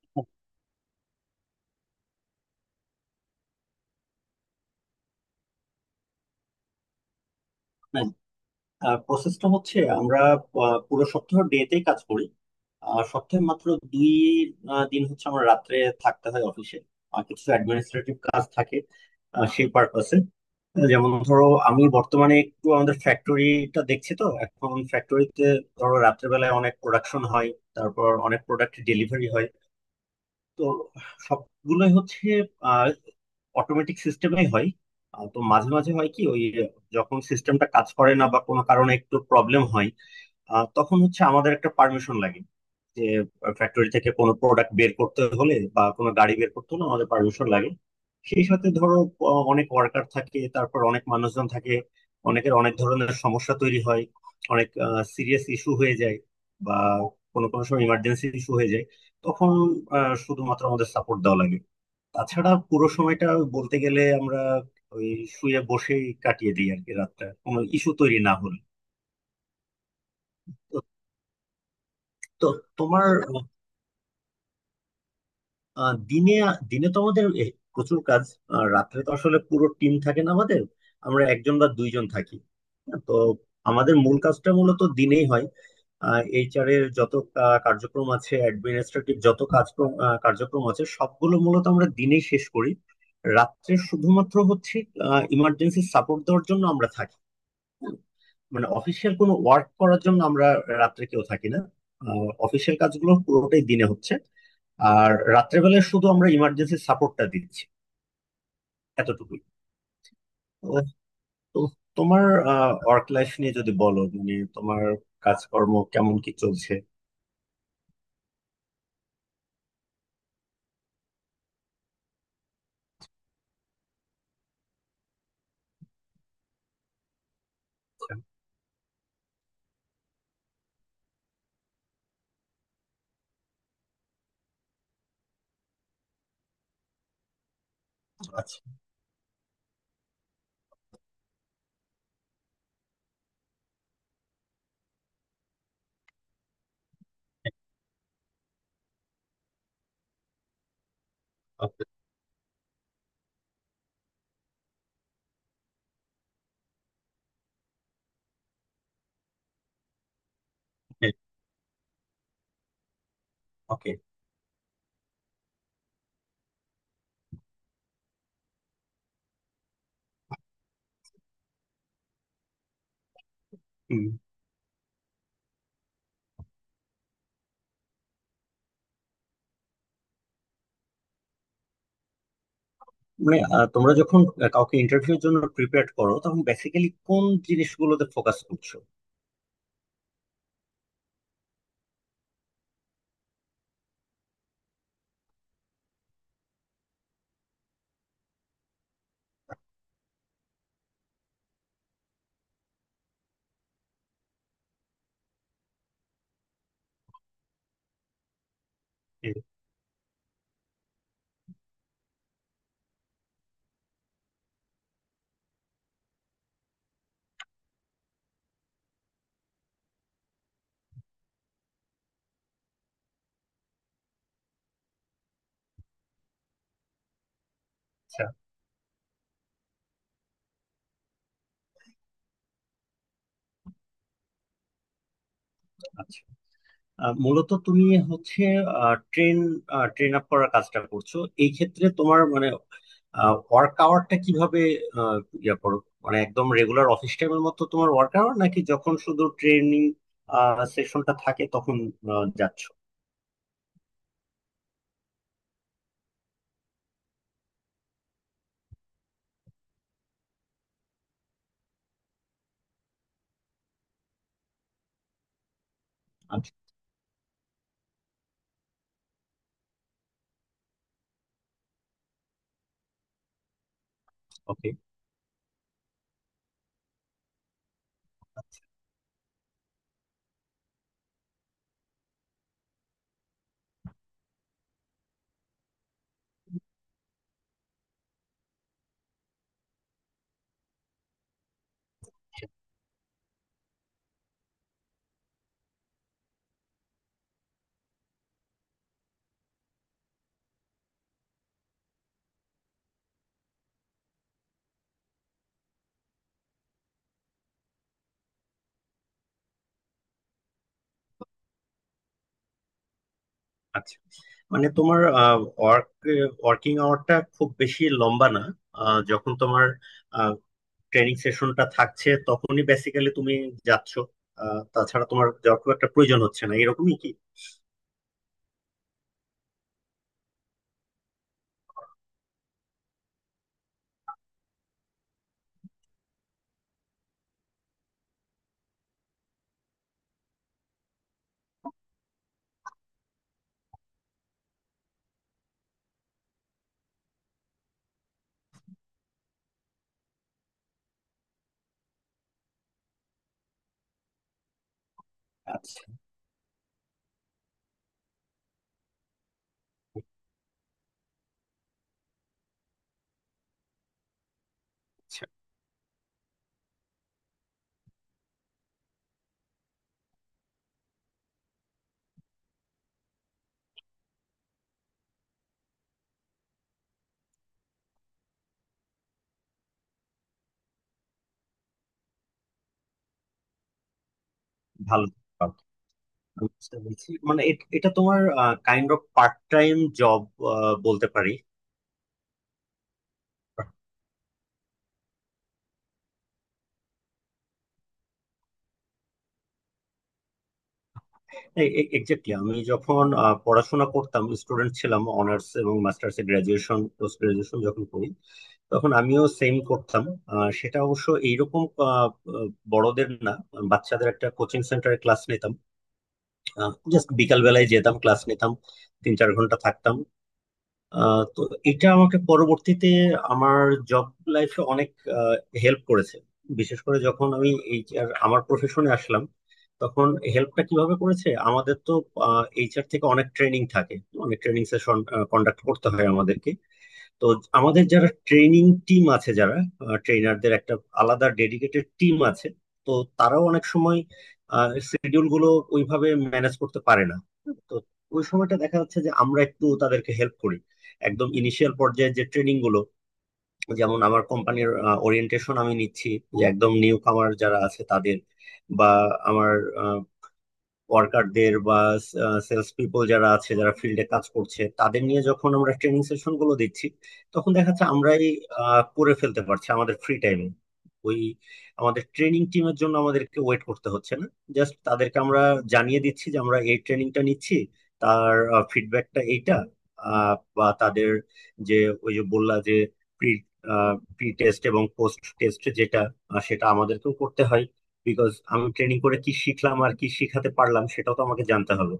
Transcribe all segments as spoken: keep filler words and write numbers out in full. স্য সান স্যাাট্য়. প্রসেসটা হচ্ছে আমরা আহ, পুরো সপ্তাহ ডেতেই কাজ করি, আর সপ্তাহে মাত্র দুই আহ, দিন হচ্ছে আমার রাত্রে থাকতে হয় অফিসে। আর কিছু অ্যাডমিনিস্ট্রেটিভ কাজ থাকে, আহ, সেই পারপাসে। যেমন ধরো আমি বর্তমানে একটু আমাদের ফ্যাক্টরিটা দেখছি, তো এখন ফ্যাক্টরিতে ধরো রাত্রেবেলায় অনেক প্রোডাকশন হয়, তারপর অনেক প্রোডাক্ট ডেলিভারি হয়। তো সবগুলোই হচ্ছে অটোমেটিক সিস্টেমেই হয়। আহ, তো মাঝে মাঝে হয় কি, ওই যখন সিস্টেমটা কাজ করে না বা কোনো কারণে একটু প্রবলেম হয়, আহ, তখন হচ্ছে আমাদের একটা পারমিশন লাগে, যে ফ্যাক্টরি থেকে কোনো প্রোডাক্ট বের করতে হলে বা কোনো গাড়ি বের করতে হলে আমাদের পারমিশন লাগে। সেই সাথে ধরো, আহ, অনেক ওয়ার্কার থাকে, তারপর অনেক মানুষজন থাকে, অনেকের অনেক ধরনের সমস্যা তৈরি হয়, অনেক সিরিয়াস ইস্যু হয়ে যায় বা কোনো কোনো সময় ইমার্জেন্সি ইস্যু হয়ে যায়। তখন আহ, শুধুমাত্র আমাদের সাপোর্ট দেওয়া লাগে। তাছাড়া পুরো সময়টা বলতে গেলে আমরা ওই শুয়ে বসেই কাটিয়ে দিই আর কি, রাতটা কোনো ইস্যু তৈরি না হলে। তো তো তোমার আহ, দিনে দিনে তো আমাদের এ, প্রচুর কাজ। আর রাত্রে তো আসলে পুরো টিম থাকে না আমাদের, আমরা একজন বা দুইজন থাকি। হ্যাঁ, তো আমাদের মূল কাজটা মূলত দিনেই হয়। এইচআর এর যত আহ, কার্যক্রম আছে, অ্যাডমিনিস্ট্রেটিভ যত কাজক্রম আহ, কার্যক্রম আছে, সবগুলো মূলত আমরা দিনেই শেষ করি। রাত্রে শুধুমাত্র হচ্ছে ইমার্জেন্সি সাপোর্ট দেওয়ার জন্য আমরা থাকি। মানে অফিসিয়াল কোনো ওয়ার্ক করার জন্য আমরা রাত্রে কেউ থাকি না। অফিসিয়াল কাজগুলো পুরোটাই দিনে হচ্ছে, আর রাত্রেবেলায় শুধু আমরা ইমার্জেন্সি সাপোর্টটা দিচ্ছি, এতটুকুই। তো তো তোমার ওয়ার্ক লাইফ নিয়ে যদি বলো, মানে তোমার কাজকর্ম কেমন কি চলছে? আচ্ছা। ওকে। ওকে। হুম। মানে আহ, তোমরা যখন কাউকে ইন্টারভিউর জন্য প্রিপেয়ার করো, তখন বেসিক্যালি কোন জিনিসগুলোতে ফোকাস করছো? আচ্ছা। আচ্ছা। আহ, মূলত তুমি হচ্ছে ট্রেন ট্রেন আপ করার কাজটা করছো। এই ক্ষেত্রে তোমার মানে ওয়ার্ক আওয়ারটা কিভাবে আহ, ইয়ে করো? মানে একদম রেগুলার অফিস টাইমের মতো তোমার ওয়ার্ক আওয়ার, নাকি যখন শুধু ট্রেনিং সেশনটা থাকে তখন আহ, যাচ্ছ? আচ্ছা। ওকে। আচ্ছা, মানে তোমার ওয়ার্ক ওয়ার্কিং আওয়ারটা খুব বেশি লম্বা না। আহ, যখন তোমার ট্রেনিং সেশনটা থাকছে তখনই বেসিক্যালি তুমি যাচ্ছ, আহ, তাছাড়া তোমার যাওয়ার খুব একটা প্রয়োজন হচ্ছে না, এরকমই কি? আচ্ছা। আচ্ছা। ভালো, ভালো। আমি বুঝতে পেরেছি। মানে এট- এটা তোমার kind of part time job বলতে পারি। এক্স্যাক্টলি, আমি যখন আহ, পড়াশোনা করতাম, স্টুডেন্ট ছিলাম, অনার্স এবং মাস্টার্স এর গ্রাজুয়েশন পোস্ট গ্রাজুয়েশন যখন করি, তখন আমিও সেম করতাম। আহ, সেটা অবশ্য এইরকম আহ, আহ, বড়দের না, বাচ্চাদের একটা কোচিং সেন্টারে ক্লাস নিতাম। জাস্ট বিকাল বেলায় যেতাম, ক্লাস নিতাম, তিন চার ঘন্টা থাকতাম। আহ, তো এটা আমাকে পরবর্তীতে আমার জব লাইফে অনেক হেল্প করেছে, বিশেষ করে যখন আমি এইচআর আমার প্রফেশনে আসলাম তখন। হেল্পটা কিভাবে করেছে, আমাদের তো এইচআর থেকে অনেক ট্রেনিং থাকে, অনেক ট্রেনিং সেশন কন্ডাক্ট করতে হয় আমাদেরকে। তো আমাদের যারা ট্রেনিং টিম আছে, যারা ট্রেনারদের একটা আলাদা ডেডিকেটেড টিম আছে, তো তারাও অনেক সময় শিডিউল গুলো ওইভাবে ম্যানেজ করতে পারে না। তো ওই সময়টা দেখা যাচ্ছে যে আমরা একটু তাদেরকে হেল্প করি। একদম ইনিশিয়াল পর্যায়ে যে ট্রেনিং গুলো, যেমন আমার কোম্পানির ওরিয়েন্টেশন আমি নিচ্ছি, যে একদম নিউ কামার যারা আছে তাদের, বা আমার ওয়ার্কারদের বা সেলস পিপল যারা আছে যারা ফিল্ডে কাজ করছে তাদের নিয়ে যখন আমরা ট্রেনিং সেশন গুলো দিচ্ছি, তখন দেখা যাচ্ছে আমরাই আহ, করে ফেলতে পারছি আমাদের ফ্রি টাইমে। ওই আমাদের ট্রেনিং টিমের জন্য আমাদেরকে ওয়েট করতে হচ্ছে না। জাস্ট তাদেরকে আমরা জানিয়ে দিচ্ছি যে আমরা এই ট্রেনিংটা নিচ্ছি, তার ফিডব্যাকটা এইটা। আহ, বা তাদের, যে ওই যে বললা যে প্রি প্রি টেস্ট এবং পোস্ট টেস্ট যেটা, আহ, সেটা আমাদেরকেও করতে হয়। বিকজ আমি ট্রেনিং করে কি শিখলাম আর কি শিখাতে পারলাম সেটাও তো আমাকে জানতে হবে।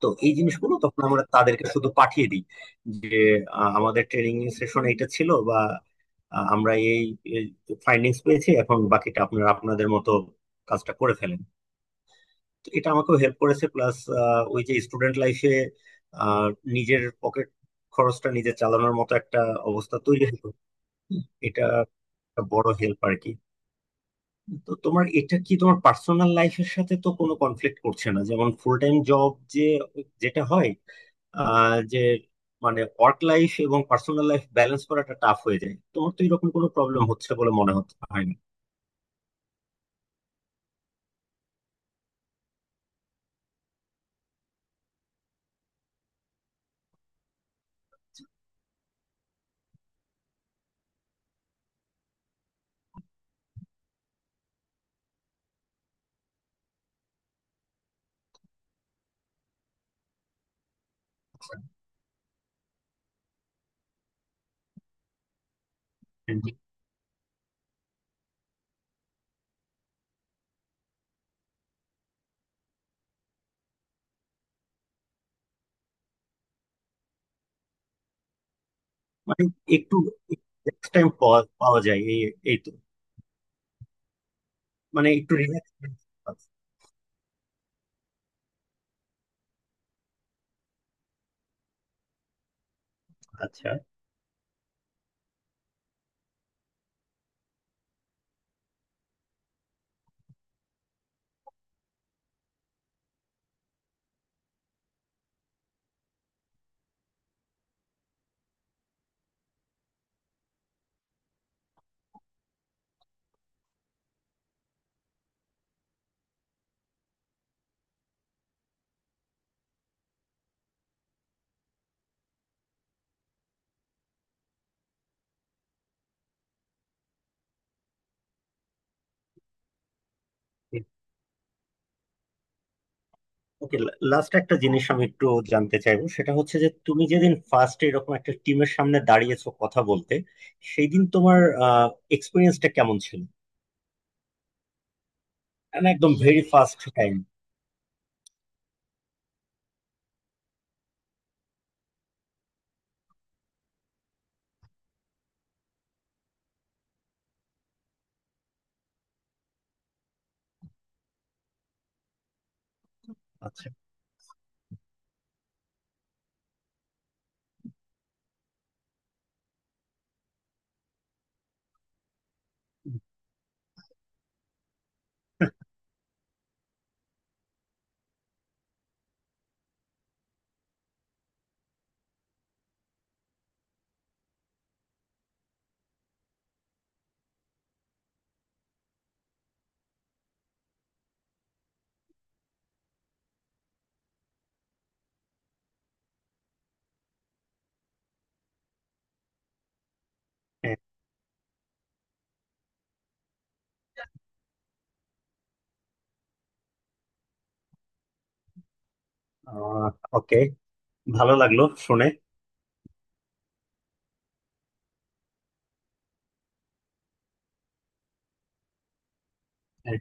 তো এই জিনিসগুলো তখন আমরা তাদেরকে শুধু পাঠিয়ে দিই, যে আহ, আমাদের ট্রেনিং সেশন এইটা ছিল বা আহ, আমরা এই ফাইন্ডিংস পেয়েছি, এখন বাকিটা আপনারা আপনাদের মতো কাজটা করে ফেলেন। তো এটা আমাকেও হেল্প করেছে, প্লাস ওই যে স্টুডেন্ট লাইফে নিজের পকেট খরচটা নিজে চালানোর মতো একটা অবস্থা তৈরি হতো। এটা একটা বড় হেল্প আর কি। তো তোমার এটা কি তোমার পার্সোনাল লাইফের সাথে তো কোনো কনফ্লিক্ট করছে না? যেমন ফুল টাইম জব যে যেটা হয়, আহ, যে মানে ওয়ার্ক লাইফ এবং পার্সোনাল লাইফ ব্যালেন্স করাটা টাফ হয়ে যায়, তোমার তো এরকম কোনো প্রবলেম হচ্ছে বলে মনে হচ্ছে, হয় না? মানে একটু টাইম পাওয়া পাওয়া যায়, এই এই তো, মানে একটু রিল্যাক্স। আচ্ছা। ওকে। লাস্ট একটা জিনিস আমি একটু জানতে চাইবো, সেটা হচ্ছে যে তুমি যেদিন ফার্স্ট এরকম একটা টিমের সামনে দাঁড়িয়েছো কথা বলতে, সেই দিন তোমার এক্সপিরিয়েন্সটা কেমন ছিল? মানে একদম ভেরি ফার্স্ট টাইম। আচ্ছা। হ্যাঁ, ওকে, ভালো লাগলো শুনে। হ্যাঁ।